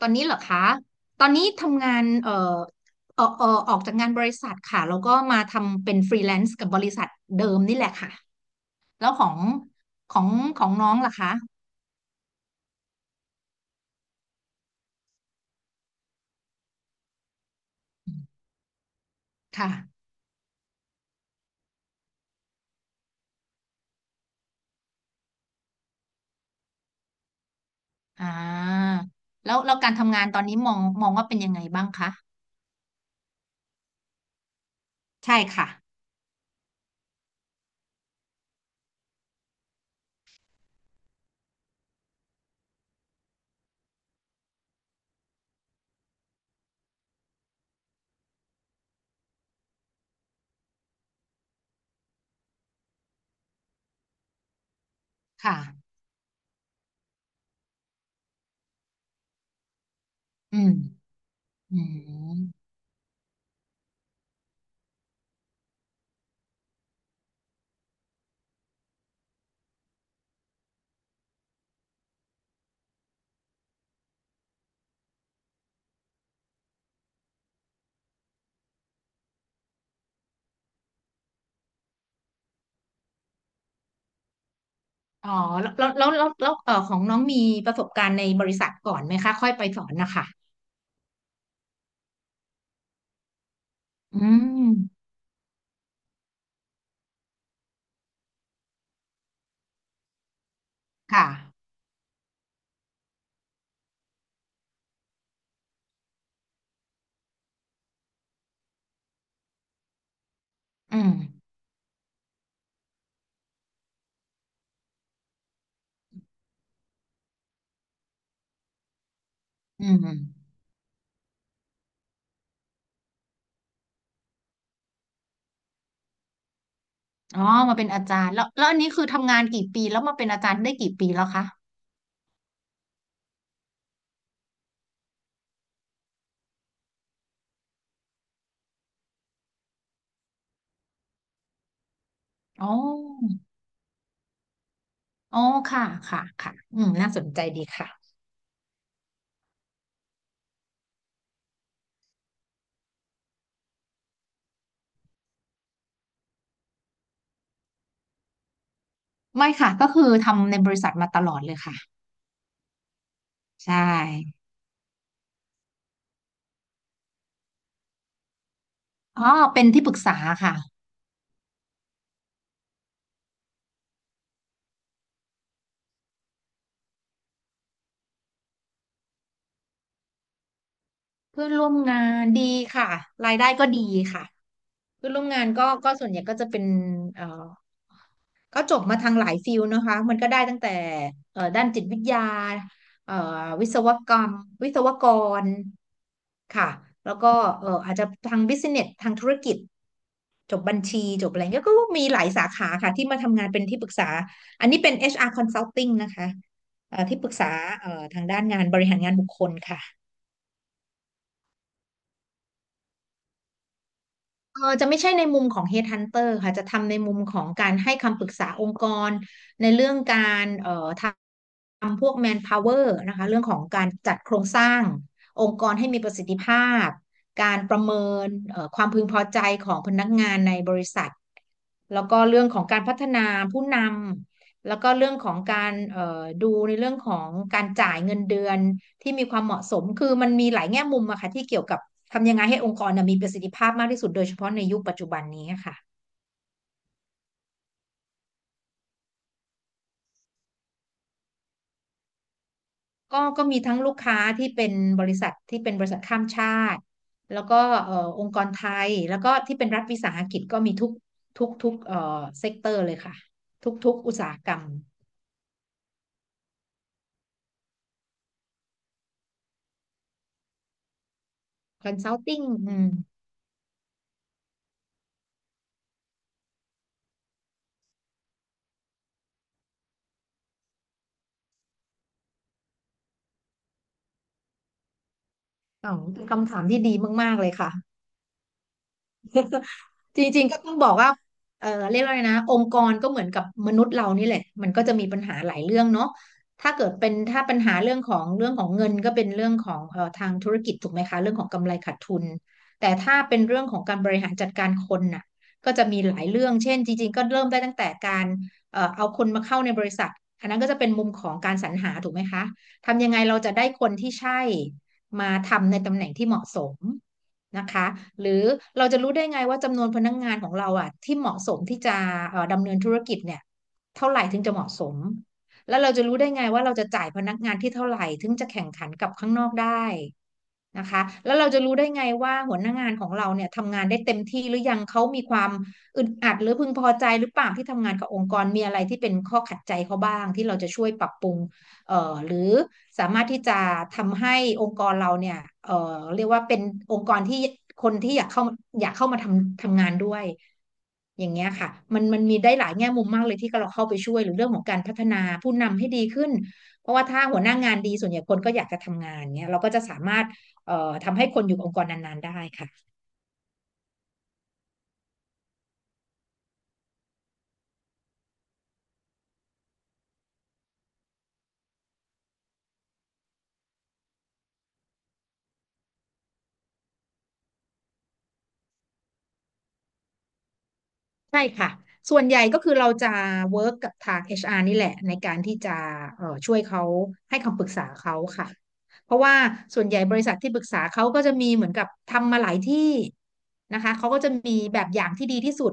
ตอนนี้เหรอคะตอนนี้ทำงานออกจากงานบริษัทค่ะแล้วก็มาทำเป็นฟรีแลนซ์กับบริษัทเดิมนี่แหละค่ะแล้วของของน้องล่ะคะค่ะอ่าแล้วการทำงานตอนนี้มองว่าเป็นยังไงบ้างคะใช่ค่ะค่ะอืมอืมอ๋อแล้วของน้องมีประสบการณ์ในบริษัทก่อนไหมคะค่อยไปสอนนะคะอืมค่ะอืมอืม อ๋อมาเป็นอาจารย์แล้วอันนี้คือทำงานกี่ปีแล้วมาเป็นอาจารย์ได้กี่ปีแล้วคะอ๋ออ๋อค่ะค่ะค่ะอืมน่าสนใจดีค่ะไม่ค่ะก็คือทำในบริษัทมาตลอดเลยค่ะใช่อ๋อเป็นที่ปรึกษาค่ะเพื่อนร่วมงานดีค่ะรายได้ก็ดีค่ะ เพื่อนร่วมงานก็ส่วนใหญ่ก็จะเป็นเอ่อก็จบมาทางหลายฟิลนะคะมันก็ได้ตั้งแต่ด้านจิตวิทยาเอ่อวิศวกรรมวิศวกรค่ะ แล้วก็อาจจะทางบิสเนสทางธุรกิจจบบัญชีจบอะไรเงี้ยก็มีหลายสาขาค่ะที่มาทำงานเป็นที่ปรึกษา อันนี้เป็น HR Consulting นะคะที่ปรึกษาทางด้านงานบริหารงานบุคคลค่ะ เออจะไม่ใช่ในมุมของ Headhunter ค่ะจะทำในมุมของการให้คำปรึกษาองค์กรในเรื่องการทำพวก manpower นะคะเรื่องของการจัดโครงสร้างองค์กรให้มีประสิทธิภาพการประเมินความพึงพอใจของพนักงานในบริษัทแล้วก็เรื่องของการพัฒนาผู้นำแล้วก็เรื่องของการดูในเรื่องของการจ่ายเงินเดือน ที่มีความเหมาะสมคือมันมีหลายแง่มุมอะค่ะที่เกี่ยวกับทำยังไงให้องค์กรน่ะมีประสิทธิภาพมากที่สุดโดยเฉพาะในยุคปัจจุบันนี้ค่ะก็มีทั้งลูกค้าที่เป็นบริษัทข้ามชาติแล้วก็องค์กรไทยแล้วก็ที่เป็นรัฐวิสาหกิจก็มีทุกเซกเตอร์เลยค่ะทุกอุตสาหกรรม consulting อนซัลทิ n งอืมอ๋อเป็นคำถามที่ดีมากๆเลยค่ะ จริงๆก็ต้องบอกว่าเออเรียกว่าไงนะองค์กรก็เหมือนกับมนุษย์เรานี่แหละมันก็จะมีปัญหาหลายเรื่องเนาะถ้าเกิดเป็นถ้าปัญหาเรื่องของเรื่องของเงินก็เป็นเรื่องของทางธุรกิจถูกไหมคะเรื่องของกำไรขาดทุนแต่ถ้าเป็นเรื่องของการบริหารจัดการคนน่ะก็จะมีหลายเรื่องเช่นจริงๆก็เริ่มได้ตั้งแต่การเอาคนมาเข้าในบริษัทอันนั้นก็จะเป็นมุมของการสรรหาถูกไหมคะทำยังไงเราจะได้คนที่ใช่มาทำในตำแหน่งที่เหมาะสม นะคะหรือเราจะรู้ได้ไงว่าจำนวนพนักงานของเราอ่ะที่เหมาะสมที่จะดำเนินธุรกิจเนี่ยเท่าไหร่ถึงจะเหมาะสมแล้วเราจะรู้ได้ไงว่าเราจะจ่ายพนักงานที่เท่าไหร่ถึงจะแข่งขันกับข้างนอกได้นะคะแล้วเราจะรู้ได้ไงว่าหัวหน้างานของเราเนี่ยทำงานได้เต็มที่หรือยังเขามีความอึดอัดหรือพึงพอใจหรือเปล่าที่ทำงานกับองค์กรมีอะไรที่เป็นข้อขัดใจเขาบ้างที่เราจะช่วยปรับปรุง เอ่อหรือสามารถที่จะทำให้องค์กรเราเนี่ยเอ่อเรียกว่าเป็นองค์กรที่คนที่อยากเข้ามาทำงานด้วยอย่างเงี้ยค่ะมันมีได้หลายแง่มุมมากเลยที่เราเข้าไปช่วยหรือเรื่องของการพัฒนาผู้นำให้ดีขึ้นเพราะว่าถ้าหัวหน้างานดีส่วนใหญ่คนก็อยากจะทำงานเงี้ยเราก็จะสามารถเอ่อทำให้คนอยู่กับองค์กรนานๆได้ค่ะ ใช่ค่ะส่วนใหญ่ก็คือเราจะเวิร์กกับทาง HR นี่แหละในการที่จะช่วยเขาให้คำปรึกษาเขาค่ะเพราะว่าส่วนใหญ่บริษัทที่ปรึกษาเขาก็จะมีเหมือนกับทำมาหลายที่นะคะเขาก็จะมีแบบอย่างที่ดีที่สุด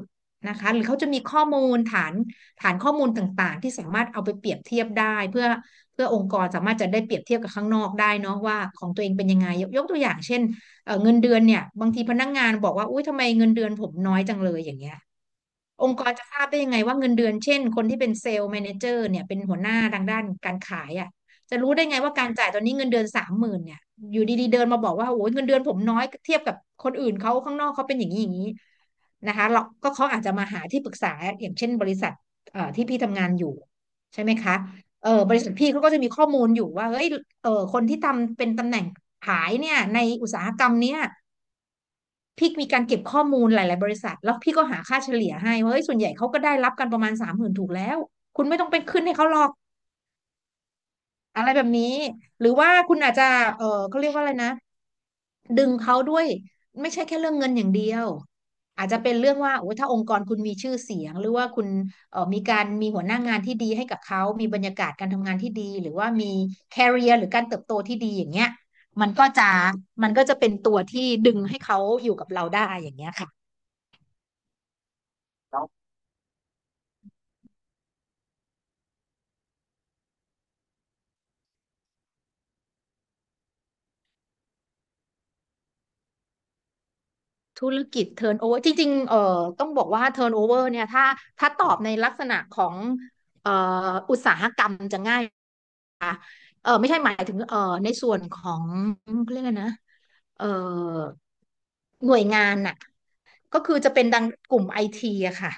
นะคะหรือเขาจะมีข้อมูลฐานข้อมูลต่างๆที่สามารถเอาไปเปรียบเทียบได้เพื่อเพื่อองค์กรสามารถจะได้เปรียบเทียบกับข้างนอกได้เนาะว่าของตัวเองเป็นยังไงยกตัวอย่างเช่น เงินเดือนเนี่ยบางทีพนักงานบอกว่าอุ้ยทำไมเงินเดือนผมน้อยจังเลยอย่างเงี้ยองค์กรจะทราบได้ยังไงว่าเงินเดือนเช่นคนที่เป็นเซลล์แมเนเจอร์เนี่ยเป็นหัวหน้าทางด้านการขายอ่ะจะรู้ได้ไงว่าการจ่ายตอนนี้เงินเดือนสามหมื่นเนี่ยอยู่ดีๆเดินมาบอกว่าโอ้ยเงินเดือนผมน้อยเทียบกับคนอื่นเขาข้างนอกเขาเป็นอย่างนี้อย่างนี้นะคะเราก็เขาอาจจะมาหาที่ปรึกษาอย่างเช่นบริษัทที่พี่ทำงานอยู่ใช่ไหมคะ เออบริษัทพี่เขาก็จะมีข้อมูลอยู่ว่าเฮ้ยเออคนที่ทำเป็นตำแหน่งขายเนี่ยในอุตสาหกรรมเนี้ยพี่มีการเก็บข้อมูลหลายๆบริษัทแล้วพี่ก็หาค่าเฉลี่ยให้ว่าเฮ้ยส่วนใหญ่เขาก็ได้รับกันประมาณสามหมื่นถูกแล้วคุณไม่ต้องไปขึ้นให้เขาหรอก อะไรแบบนี้หรือว่าคุณอาจจะเออเขาเรียกว่าอะไรนะดึงเขาด้วยไม่ใช่แค่เรื่องเงินอย่างเดียวอาจจะเป็นเรื่องว่าโอ้ยถ้าองค์กรคุณมีชื่อเสียงหรือว่าคุณเออมีการมีหัวหน้างานที่ดีให้กับเขามีบรรยากาศการทำงานที่ดีหรือว่ามี career หรือการเติบโตที่ดีอย่างเงี้ยมันก็จะมันก็จะเป็นตัวที่ดึงให้เขาอยู่กับเราได้อย่างเงี้ยค่ะ ธุรกิจ turnover จริงๆต้องบอกว่า turnover เนี่ยถ้าตอบในลักษณะของเอ่ออุตสาหกรรมจะง่ายค่ะเออไม่ใช่หมายถึงในส่วนของเขาเรียกอะไรนะเอ่อหน่วยงานน่ะก็คือจะเป็นดังกลุ่มไอทีอะค่ะ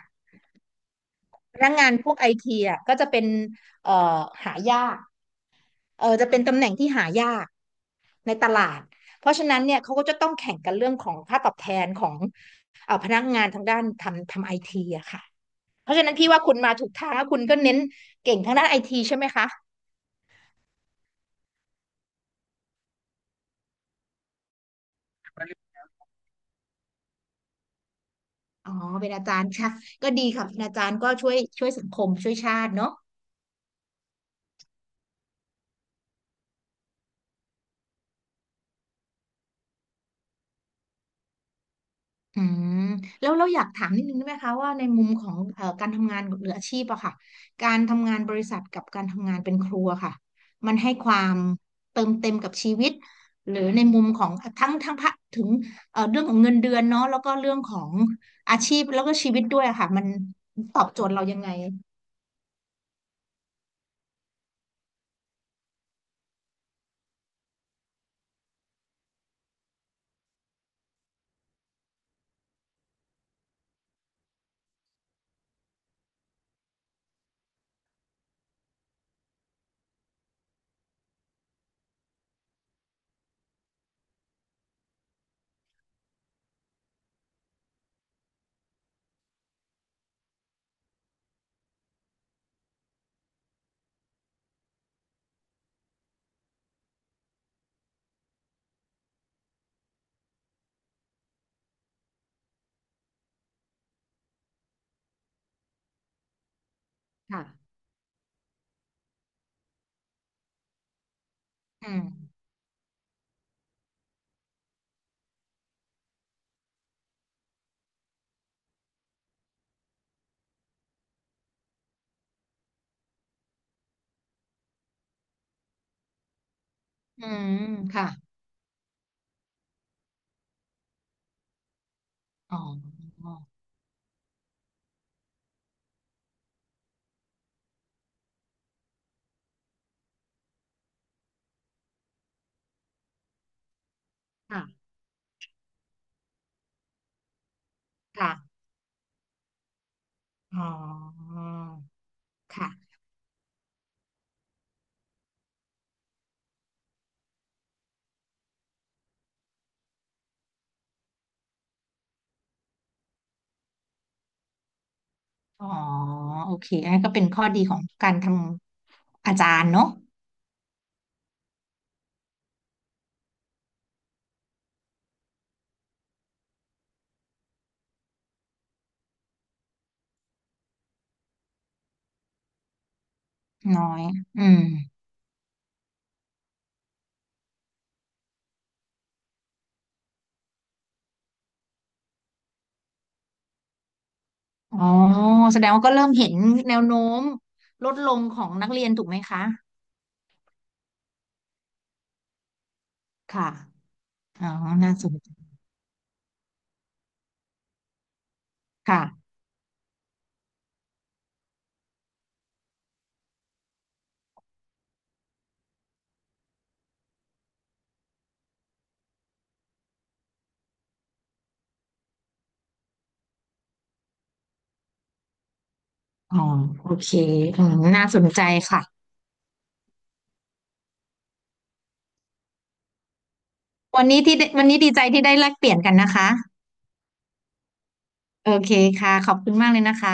พนักงานพวกไอทีอะก็จะเป็นเอ่อหายาก เออจะเป็นตำแหน่งที่หายากในตลาดเพราะฉะนั้นเนี่ยเขาก็จะต้องแข่งกันเรื่องของค่าตอบแทนของพนักงานทางด้านทำไอทีอะค่ะเพราะฉะนั้นพี่ว่าคุณมาถูกทางแล้วคุณก็เน้นเก่งทางด้านไอทีใช่ไหมคะอ๋อเป็นอาจารย์ค่ะก็ดีค่ะเป็นอาจารย์ก็ช่วยสังคมช่วยชาติเนาะ อืมแล้วเราอยากถามนิดนึงได้ไหมคะว่าในมุมของการทำงานหรืออาชีพอะค่ะการทำงานบริษัทกับการทำงานเป็นครัวค่ะมันให้ความเติมเต็มกับชีวิตหรือในมุมของทั้งพะถึงเรื่องของเงินเดือนเนาะแล้วก็เรื่องของอาชีพแล้วก็ชีวิตด้วยอะค่ะมันตอบโจทย์เรายังไงค่ะอืมอืมค่ะอ๋อค่ะค่ะอ๋อค่ะ อ๋อโอเคอันนั้นก็เป็นข้อดีของการทำอาจารย์เนาะน้อยอืมอ๋อแสดงว่าก็เริ่มเห็นแนวโน้มลดลงของนักเรียนถูกไหมคะค่ะอ๋อน่าสนใจค่ะอ๋อโอเคอืมน่าสนใจค่ะวันนี้ดีใจที่ได้แลกเปลี่ยนกันนะคะโอเคค่ะขอบคุณมากเลยนะคะ